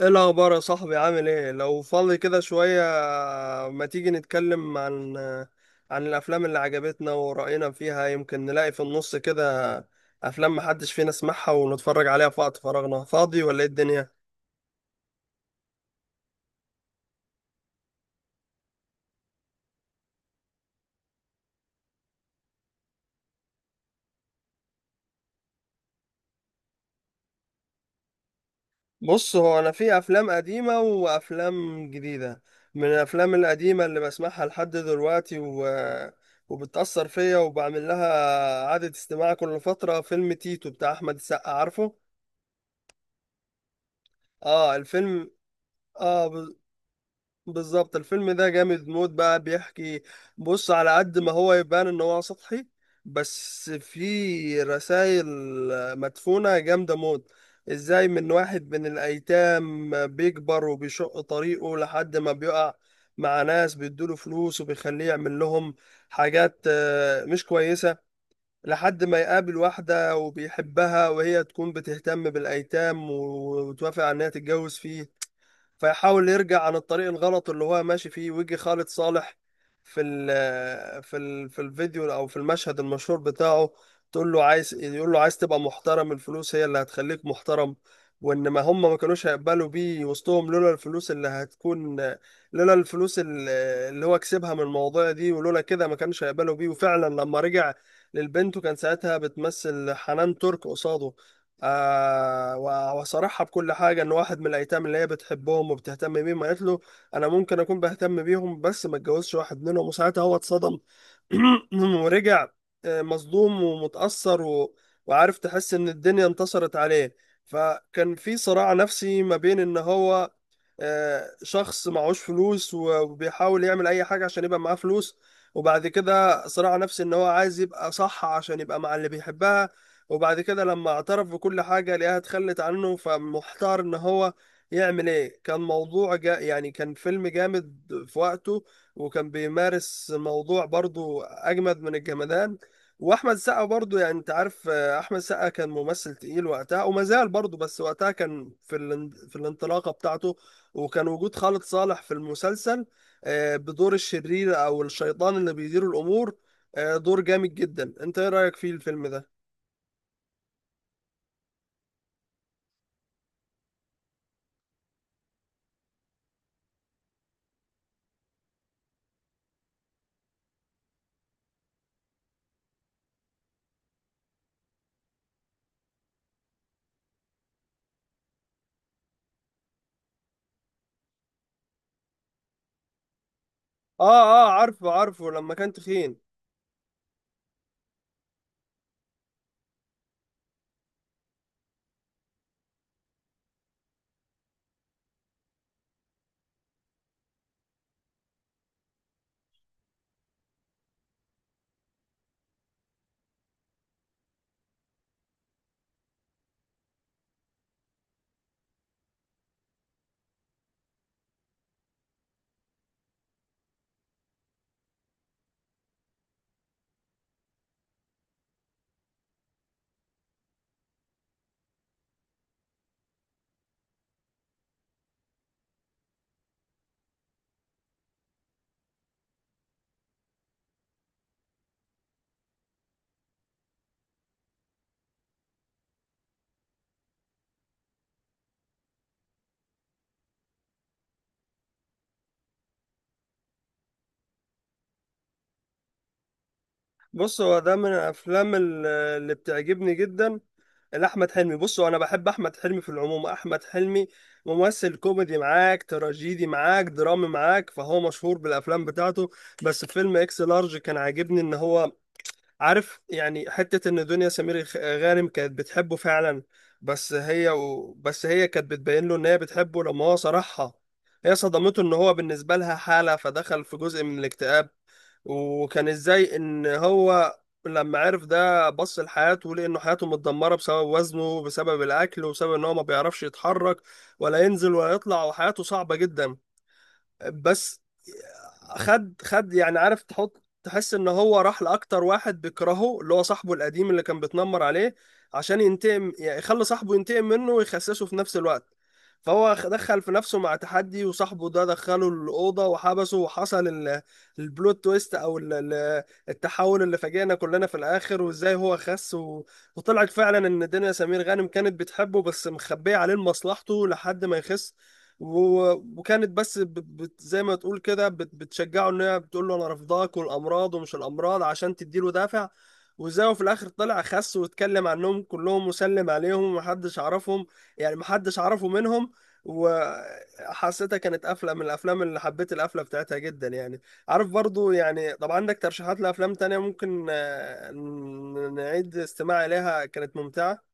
ايه الاخبار يا صاحبي، عامل ايه؟ لو فاضي كده شوية ما تيجي نتكلم عن الافلام اللي عجبتنا ورأينا فيها، يمكن نلاقي في النص كده افلام محدش فينا سمعها ونتفرج عليها في وقت فراغنا. فاضي ولا ايه الدنيا؟ بص، هو انا في افلام قديمة وافلام جديدة. من الافلام القديمة اللي بسمعها لحد دلوقتي وبتأثر فيا وبعمل لها عادة استماع كل فترة، فيلم تيتو بتاع احمد السقا، عارفه. اه، الفيلم. اه بالظبط، الفيلم ده جامد موت، بقى بيحكي. بص، على قد ما هو يبان ان هو سطحي، بس في رسائل مدفونة جامدة موت، ازاي من واحد من الايتام بيكبر وبيشق طريقه لحد ما بيقع مع ناس بيدوله فلوس وبيخليه يعمل لهم حاجات مش كويسة، لحد ما يقابل واحدة وبيحبها وهي تكون بتهتم بالايتام وتوافق على انها تتجوز فيه، فيحاول يرجع عن الطريق الغلط اللي هو ماشي فيه، ويجي خالد صالح في ال في الفيديو او في المشهد المشهور بتاعه، تقول له عايز، يقول له عايز تبقى محترم، الفلوس هي اللي هتخليك محترم، وان ما هم ما كانوش هيقبلوا بيه وسطهم لولا الفلوس اللي هتكون، لولا الفلوس ال- اللي هو كسبها من المواضيع دي، ولولا كده ما كانش هيقبلوا بيه. وفعلا لما رجع للبنت، وكان ساعتها بتمثل حنان ترك قصاده، وصرحها بكل حاجة، إن واحد من الأيتام اللي هي بتحبهم وبتهتم بيهم، قالت له أنا ممكن أكون بهتم بيهم، بس ما اتجوزش واحد منهم. وساعتها هو اتصدم ورجع مصدوم ومتأثر وعارف، تحس إن الدنيا انتصرت عليه. فكان في صراع نفسي ما بين إن هو شخص معهوش فلوس، وبيحاول يعمل اي حاجه عشان يبقى معاه فلوس. وبعد كده صراع نفسي ان هو عايز يبقى صح عشان يبقى مع اللي بيحبها. وبعد كده لما اعترف بكل حاجه لقاها اتخلت عنه، فمحتار ان هو يعمل ايه. كان موضوع جا يعني، كان فيلم جامد في وقته، وكان بيمارس موضوع برضو اجمد من الجمدان. واحمد سقا برضو، يعني انت عارف، احمد سقا كان ممثل تقيل وقتها وما زال برضو، بس وقتها كان في في الانطلاقه بتاعته. وكان وجود خالد صالح في المسلسل بدور الشرير او الشيطان اللي بيدير الامور، دور جامد جدا. انت ايه رايك فيه الفيلم ده؟ اه اه، عارفه عارفه لما كان تخين. بص، هو ده من اللي بتعجبني جدا لاحمد حلمي. بص، هو انا بحب احمد حلمي في العموم، احمد حلمي ممثل كوميدي معاك، تراجيدي معاك، درامي معاك، فهو مشهور بالافلام بتاعته. بس فيلم اكس لارج كان عاجبني، ان هو، عارف يعني، حتة إن دنيا سمير غانم كانت بتحبه فعلا. بس هي كانت بتبين له إن هي بتحبه، لما هو صرحها هي صدمته إن هو بالنسبة لها حالة، فدخل في جزء من الاكتئاب. وكان إزاي إن هو لما عرف ده بص لحياته، ولقى إنه حياته متدمرة بسبب وزنه، بسبب الأكل، وبسبب إن هو ما بيعرفش يتحرك ولا ينزل ولا يطلع، وحياته صعبة جدا. بس خد، يعني عارف، تحط تحس ان هو راح لاكتر واحد بيكرهه، اللي هو صاحبه القديم اللي كان بيتنمر عليه، عشان ينتقم، يعني يخلي صاحبه ينتقم منه ويخسسه في نفس الوقت. فهو دخل في نفسه مع تحدي، وصاحبه ده دخله الأوضة وحبسه. وحصل البلوت تويست، أو التحول اللي فاجئنا كلنا في الآخر، وإزاي هو خس وطلعت فعلا إن دنيا سمير غانم كانت بتحبه، بس مخبية عليه مصلحته لحد ما يخس. و- وكانت بس ب- بت زي ما تقول كده بتشجعه، ان هي بتقول له انا رافضاك والامراض ومش الامراض عشان تديله دافع. وزي هو في الاخر طلع خس، واتكلم عنهم كلهم وسلم عليهم ومحدش عرفهم، يعني محدش عرفه منهم. وحسيتها كانت قفله من الافلام اللي حبيت القفله بتاعتها جدا، يعني عارف، برضو يعني. طب عندك ترشيحات لافلام تانية ممكن نعيد استماع اليها، كانت ممتعه؟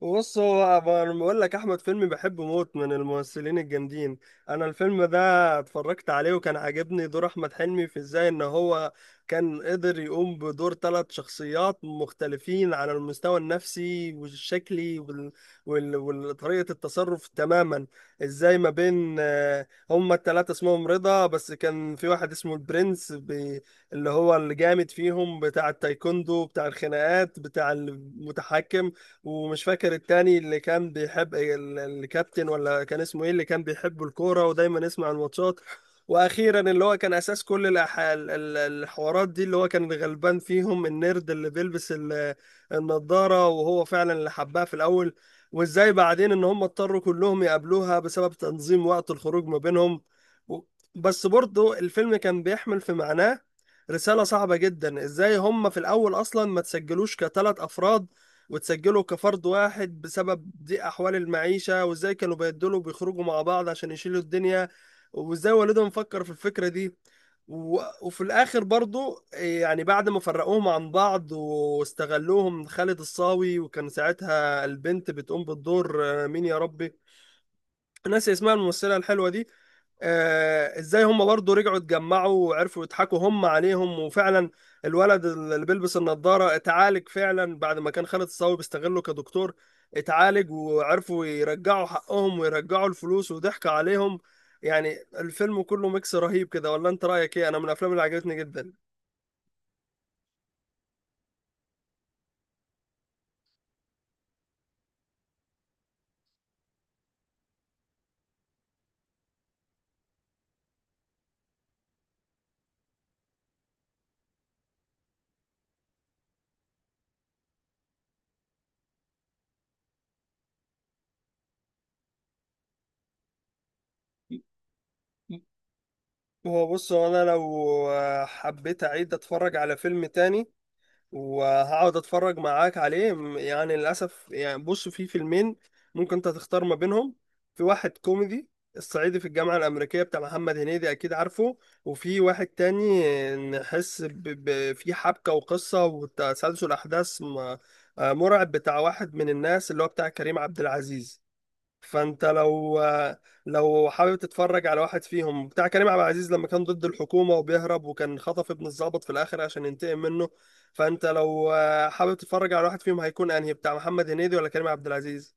بص، انا بقول لك احمد فيلمي بحبه موت من الممثلين الجامدين. انا الفيلم ده اتفرجت عليه، وكان عاجبني دور احمد حلمي في ازاي ان هو كان قدر يقوم بدور ثلاث شخصيات مختلفين على المستوى النفسي والشكلي وال... وال... وطريقة التصرف تماما. ازاي ما بين، هما الثلاثة اسمهم رضا، بس كان في واحد اسمه البرنس اللي هو الجامد فيهم، بتاع التايكوندو بتاع الخناقات بتاع المتحكم. ومش فاكر التاني اللي كان بيحب الكابتن، ولا كان اسمه ايه، اللي كان بيحب الكورة ودايما يسمع الماتشات. واخيرا اللي هو كان اساس كل الحوارات دي، اللي هو كان غلبان فيهم، النيرد اللي بيلبس النضارة، وهو فعلا اللي حبها في الاول. وازاي بعدين ان هم اضطروا كلهم يقابلوها بسبب تنظيم وقت الخروج ما بينهم، و- بس برضه الفيلم كان بيحمل في معناه رسالة صعبة جدا، ازاي هم في الاول اصلا ما تسجلوش كثلاث افراد وتسجله كفرد واحد بسبب ضيق أحوال المعيشة، وإزاي كانوا بيدلوا بيخرجوا مع بعض عشان يشيلوا الدنيا، وإزاي والدهم فكر في الفكرة دي وفي الآخر برضو إيه، يعني بعد ما فرقوهم عن بعض واستغلوهم خالد الصاوي، وكان ساعتها البنت بتقوم بالدور، مين يا ربي، ناسي اسمها، الممثلة الحلوة دي. ازاي هم برضه رجعوا اتجمعوا وعرفوا يضحكوا هم عليهم، وفعلا الولد اللي بيلبس النضارة اتعالج فعلا بعد ما كان خالد الصاوي بيستغله كدكتور. اتعالج وعرفوا يرجعوا حقهم ويرجعوا الفلوس وضحك عليهم. يعني الفيلم كله ميكس رهيب كده، ولا انت رأيك ايه؟ انا من الافلام اللي عجبتني جدا. هو بص، هو انا لو حبيت اعيد اتفرج على فيلم تاني وهقعد اتفرج معاك عليه، يعني للاسف يعني. بص، في فيلمين ممكن انت تختار ما بينهم. في واحد كوميدي، الصعيدي في الجامعة الأمريكية بتاع محمد هنيدي، أكيد عارفه. وفي واحد تاني، نحس في حبكة وقصة وتسلسل أحداث م... آه، مرعب، بتاع واحد من الناس، اللي هو بتاع كريم عبد العزيز. فانت لو، حابب تتفرج على واحد فيهم، بتاع كريم عبد العزيز لما كان ضد الحكومة وبيهرب وكان خطف ابن الضابط في الآخر عشان ينتقم منه. فانت لو حابب تتفرج على واحد فيهم، هيكون انهي، بتاع محمد هنيدي ولا كريم عبد العزيز؟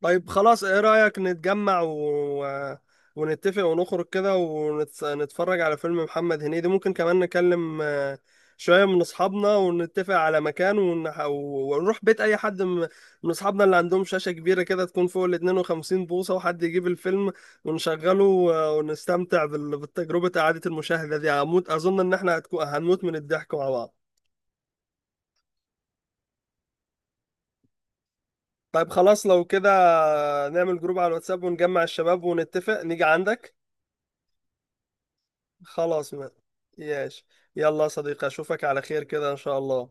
طيب خلاص، ايه رأيك نتجمع ونتفق ونخرج كده ونتفرج على فيلم محمد هنيدي؟ ممكن كمان نكلم شوية من أصحابنا ونتفق على مكان ونروح بيت أي حد من أصحابنا اللي عندهم شاشة كبيرة كده تكون فوق ال 52 بوصة، وحد يجيب الفيلم ونشغله، ونستمتع بالتجربة، إعادة المشاهدة دي هموت، أظن إن إحنا هنموت من الضحك مع بعض. طيب خلاص لو كده نعمل جروب على الواتساب ونجمع الشباب ونتفق نيجي عندك. خلاص بقى، ياش. يلا يا صديقي، اشوفك على خير كده ان شاء الله.